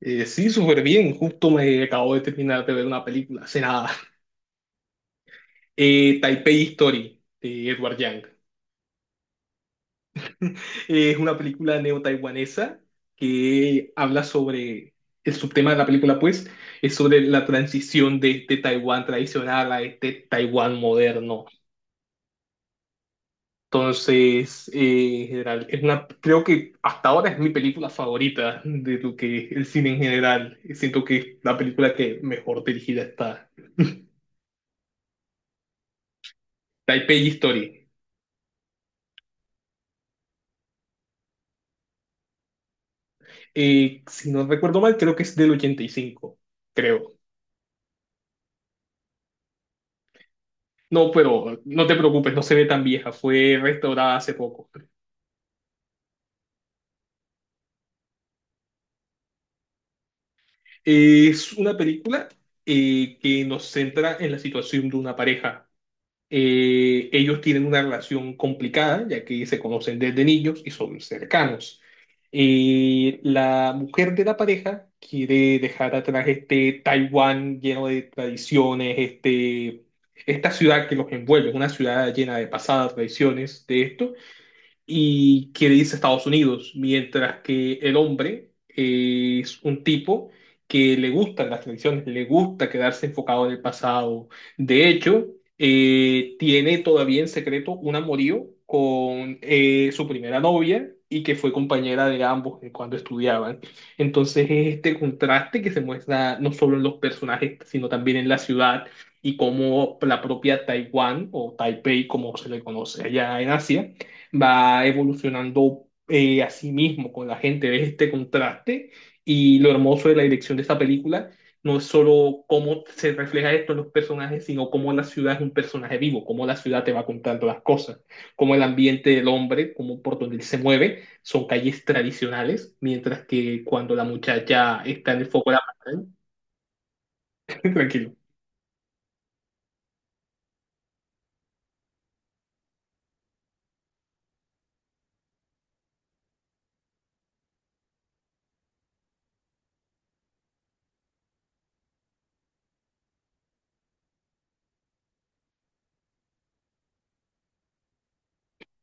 Sí, súper bien. Justo me acabo de terminar de ver una película hace nada. Taipei Story de Edward Yang. Es una película neo-taiwanesa que habla sobre el subtema de la película, pues, es sobre la transición de este Taiwán tradicional a este Taiwán moderno. Entonces, en general, creo que hasta ahora es mi película favorita de lo que es el cine en general. Siento que es la película que mejor dirigida está. Taipei Story. Si no recuerdo mal, creo que es del 85 creo. No, pero no te preocupes, no se ve tan vieja, fue restaurada hace poco. Es una película que nos centra en la situación de una pareja. Ellos tienen una relación complicada, ya que se conocen desde niños y son cercanos. La mujer de la pareja quiere dejar atrás este Taiwán lleno de tradiciones, esta ciudad que los envuelve, una ciudad llena de pasadas tradiciones de esto, y quiere irse a Estados Unidos, mientras que el hombre es un tipo que le gustan las tradiciones, le gusta quedarse enfocado en el pasado. De hecho, tiene todavía en secreto un amorío con su primera novia y que fue compañera de ambos cuando estudiaban. Entonces es este contraste que se muestra no solo en los personajes, sino también en la ciudad y cómo la propia Taiwán o Taipei, como se le conoce allá en Asia, va evolucionando a sí mismo con la gente, ves este contraste y lo hermoso de la dirección de esta película no es solo cómo se refleja esto en los personajes, sino cómo la ciudad es un personaje vivo, cómo la ciudad te va contando las cosas, cómo el ambiente del hombre, cómo por donde él se mueve, son calles tradicionales, mientras que cuando la muchacha está en el foco de la pantalla, tranquilo.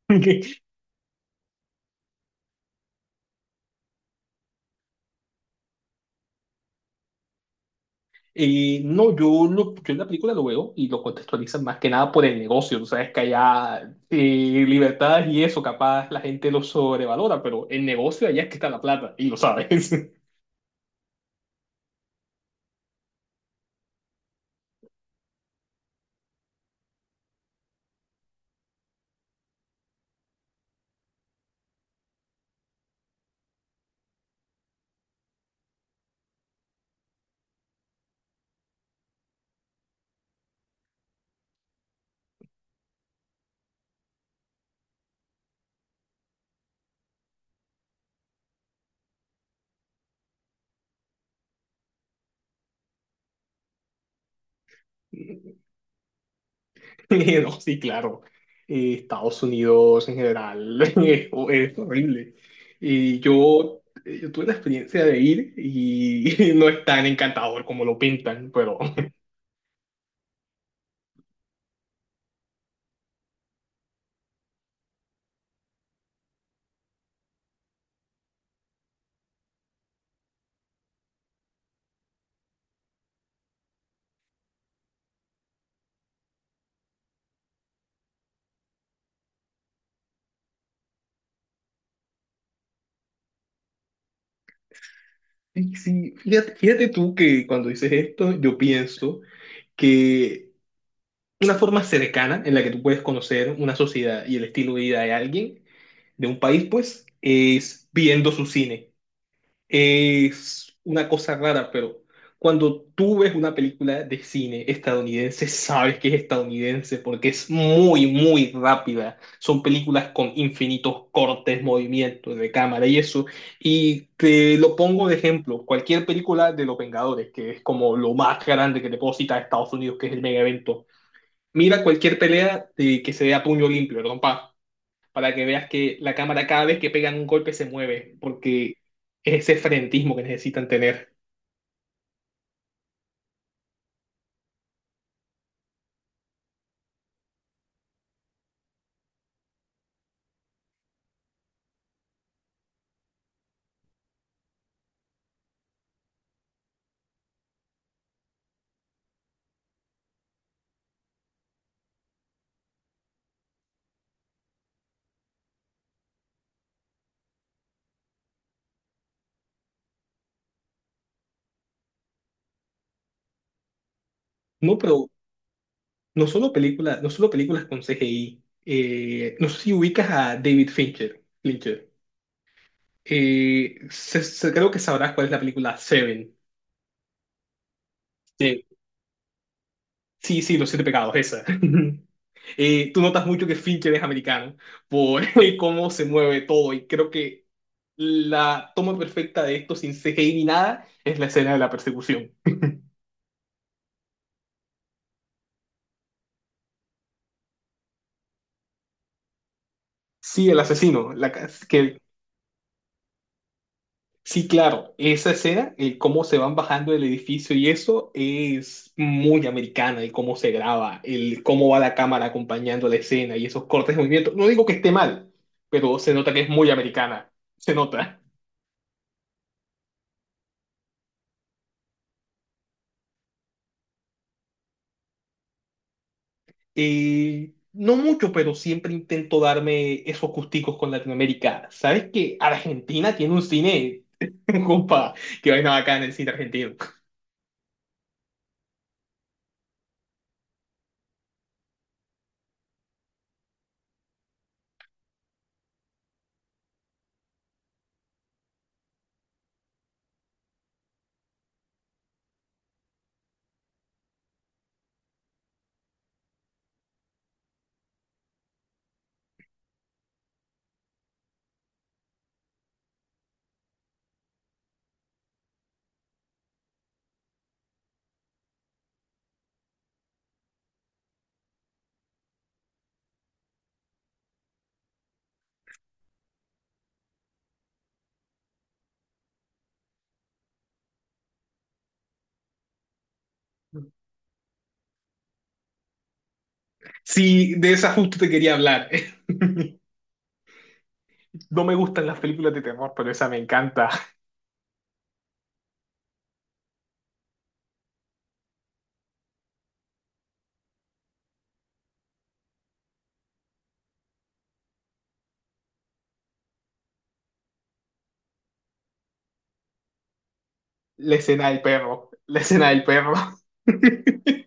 No, yo en la película lo veo y lo contextualizan más que nada por el negocio. Tú sabes que allá libertades y eso, capaz la gente lo sobrevalora, pero el negocio allá es que está la plata y lo sabes. No, sí, claro. Estados Unidos en general es horrible. Y yo tuve la experiencia de ir y no es tan encantador como lo pintan, pero sí, fíjate, fíjate tú que cuando dices esto, yo pienso que una forma cercana en la que tú puedes conocer una sociedad y el estilo de vida de alguien, de un país, pues, es viendo su cine. Es una cosa rara, pero cuando tú ves una película de cine estadounidense, sabes que es estadounidense porque es muy, muy rápida. Son películas con infinitos cortes, movimientos de cámara y eso. Y te lo pongo de ejemplo, cualquier película de Los Vengadores, que es como lo más grande que te puedo citar a Estados Unidos, que es el mega evento. Mira cualquier pelea de que se vea puño limpio, perdón, para que veas que la cámara cada vez que pegan un golpe se mueve, porque es ese frenetismo que necesitan tener. No, pero no solo películas, no solo películas con CGI. No sé si ubicas a David Fincher. Fincher. Creo que sabrás cuál es la película Seven. Sí, sí, sí, Los Siete Pecados, esa. Tú notas mucho que Fincher es americano por cómo se mueve todo y creo que la toma perfecta de esto sin CGI ni nada es la escena de la persecución. Sí, el asesino. Sí, claro, esa escena, el cómo se van bajando del edificio y eso es muy americana, el cómo se graba, el cómo va la cámara acompañando la escena y esos cortes de movimiento. No digo que esté mal, pero se nota que es muy americana, se nota. No mucho, pero siempre intento darme esos gusticos con Latinoamérica. ¿Sabes que Argentina tiene un cine? Compa, que vaina bacana el cine argentino. Sí, de esa justo te quería hablar. No me gustan las películas de terror, pero esa me encanta. La escena del perro. La escena del perro.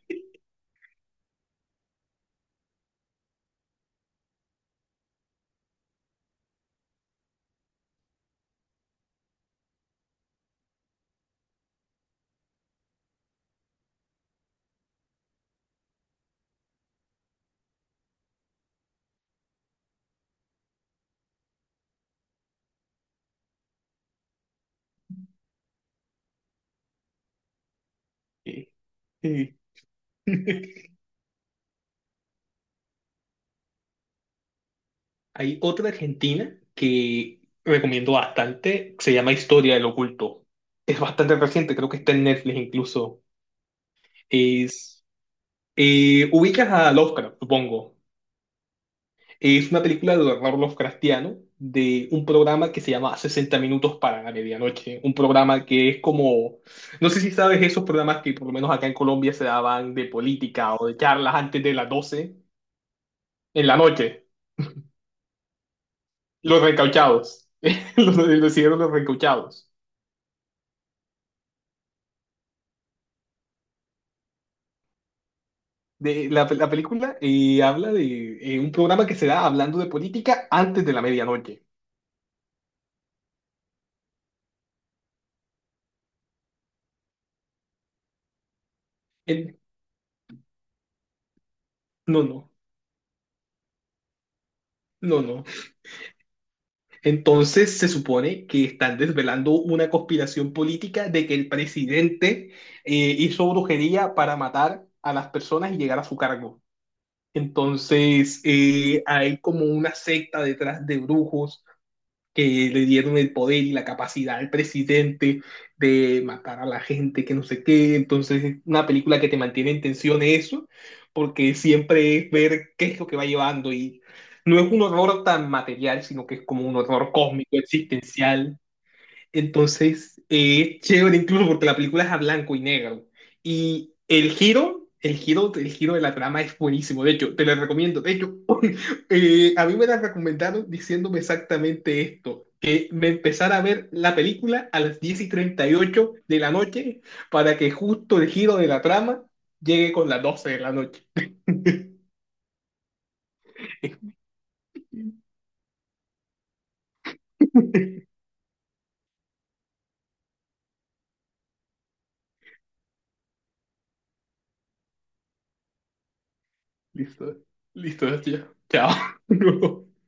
Sí, sí. Hay otra argentina que recomiendo bastante, se llama Historia del Oculto. Es bastante reciente, creo que está en Netflix incluso. Es ubicas a Lovecraft, supongo. Es una película de horror Lovecraftiano de un programa que se llama 60 minutos para la medianoche. Un programa que es como, no sé si sabes esos programas que por lo menos acá en Colombia se daban de política o de charlas antes de las 12 en la noche. Los recauchados. Los hicieron los recauchados. La película habla de un programa que se da hablando de política antes de la medianoche. En- no, no, no, no. Entonces se supone que están desvelando una conspiración política de que el presidente hizo brujería para matar a las personas y llegar a su cargo. Entonces hay como una secta detrás de brujos que le dieron el poder y la capacidad al presidente de matar a la gente, que no sé qué. Entonces, una película que te mantiene en tensión eso, porque siempre es ver qué es lo que va llevando y no es un horror tan material, sino que es como un horror cósmico, existencial. Entonces, es chévere incluso porque la película es a blanco y negro. Y el giro de la trama es buenísimo. De hecho, te la recomiendo. De hecho, a mí me la recomendaron diciéndome exactamente esto. Que me empezara a ver la película a las 10:38 de la noche para que justo el giro de la trama llegue con las doce de la noche. Listo, listo, tío. Chao.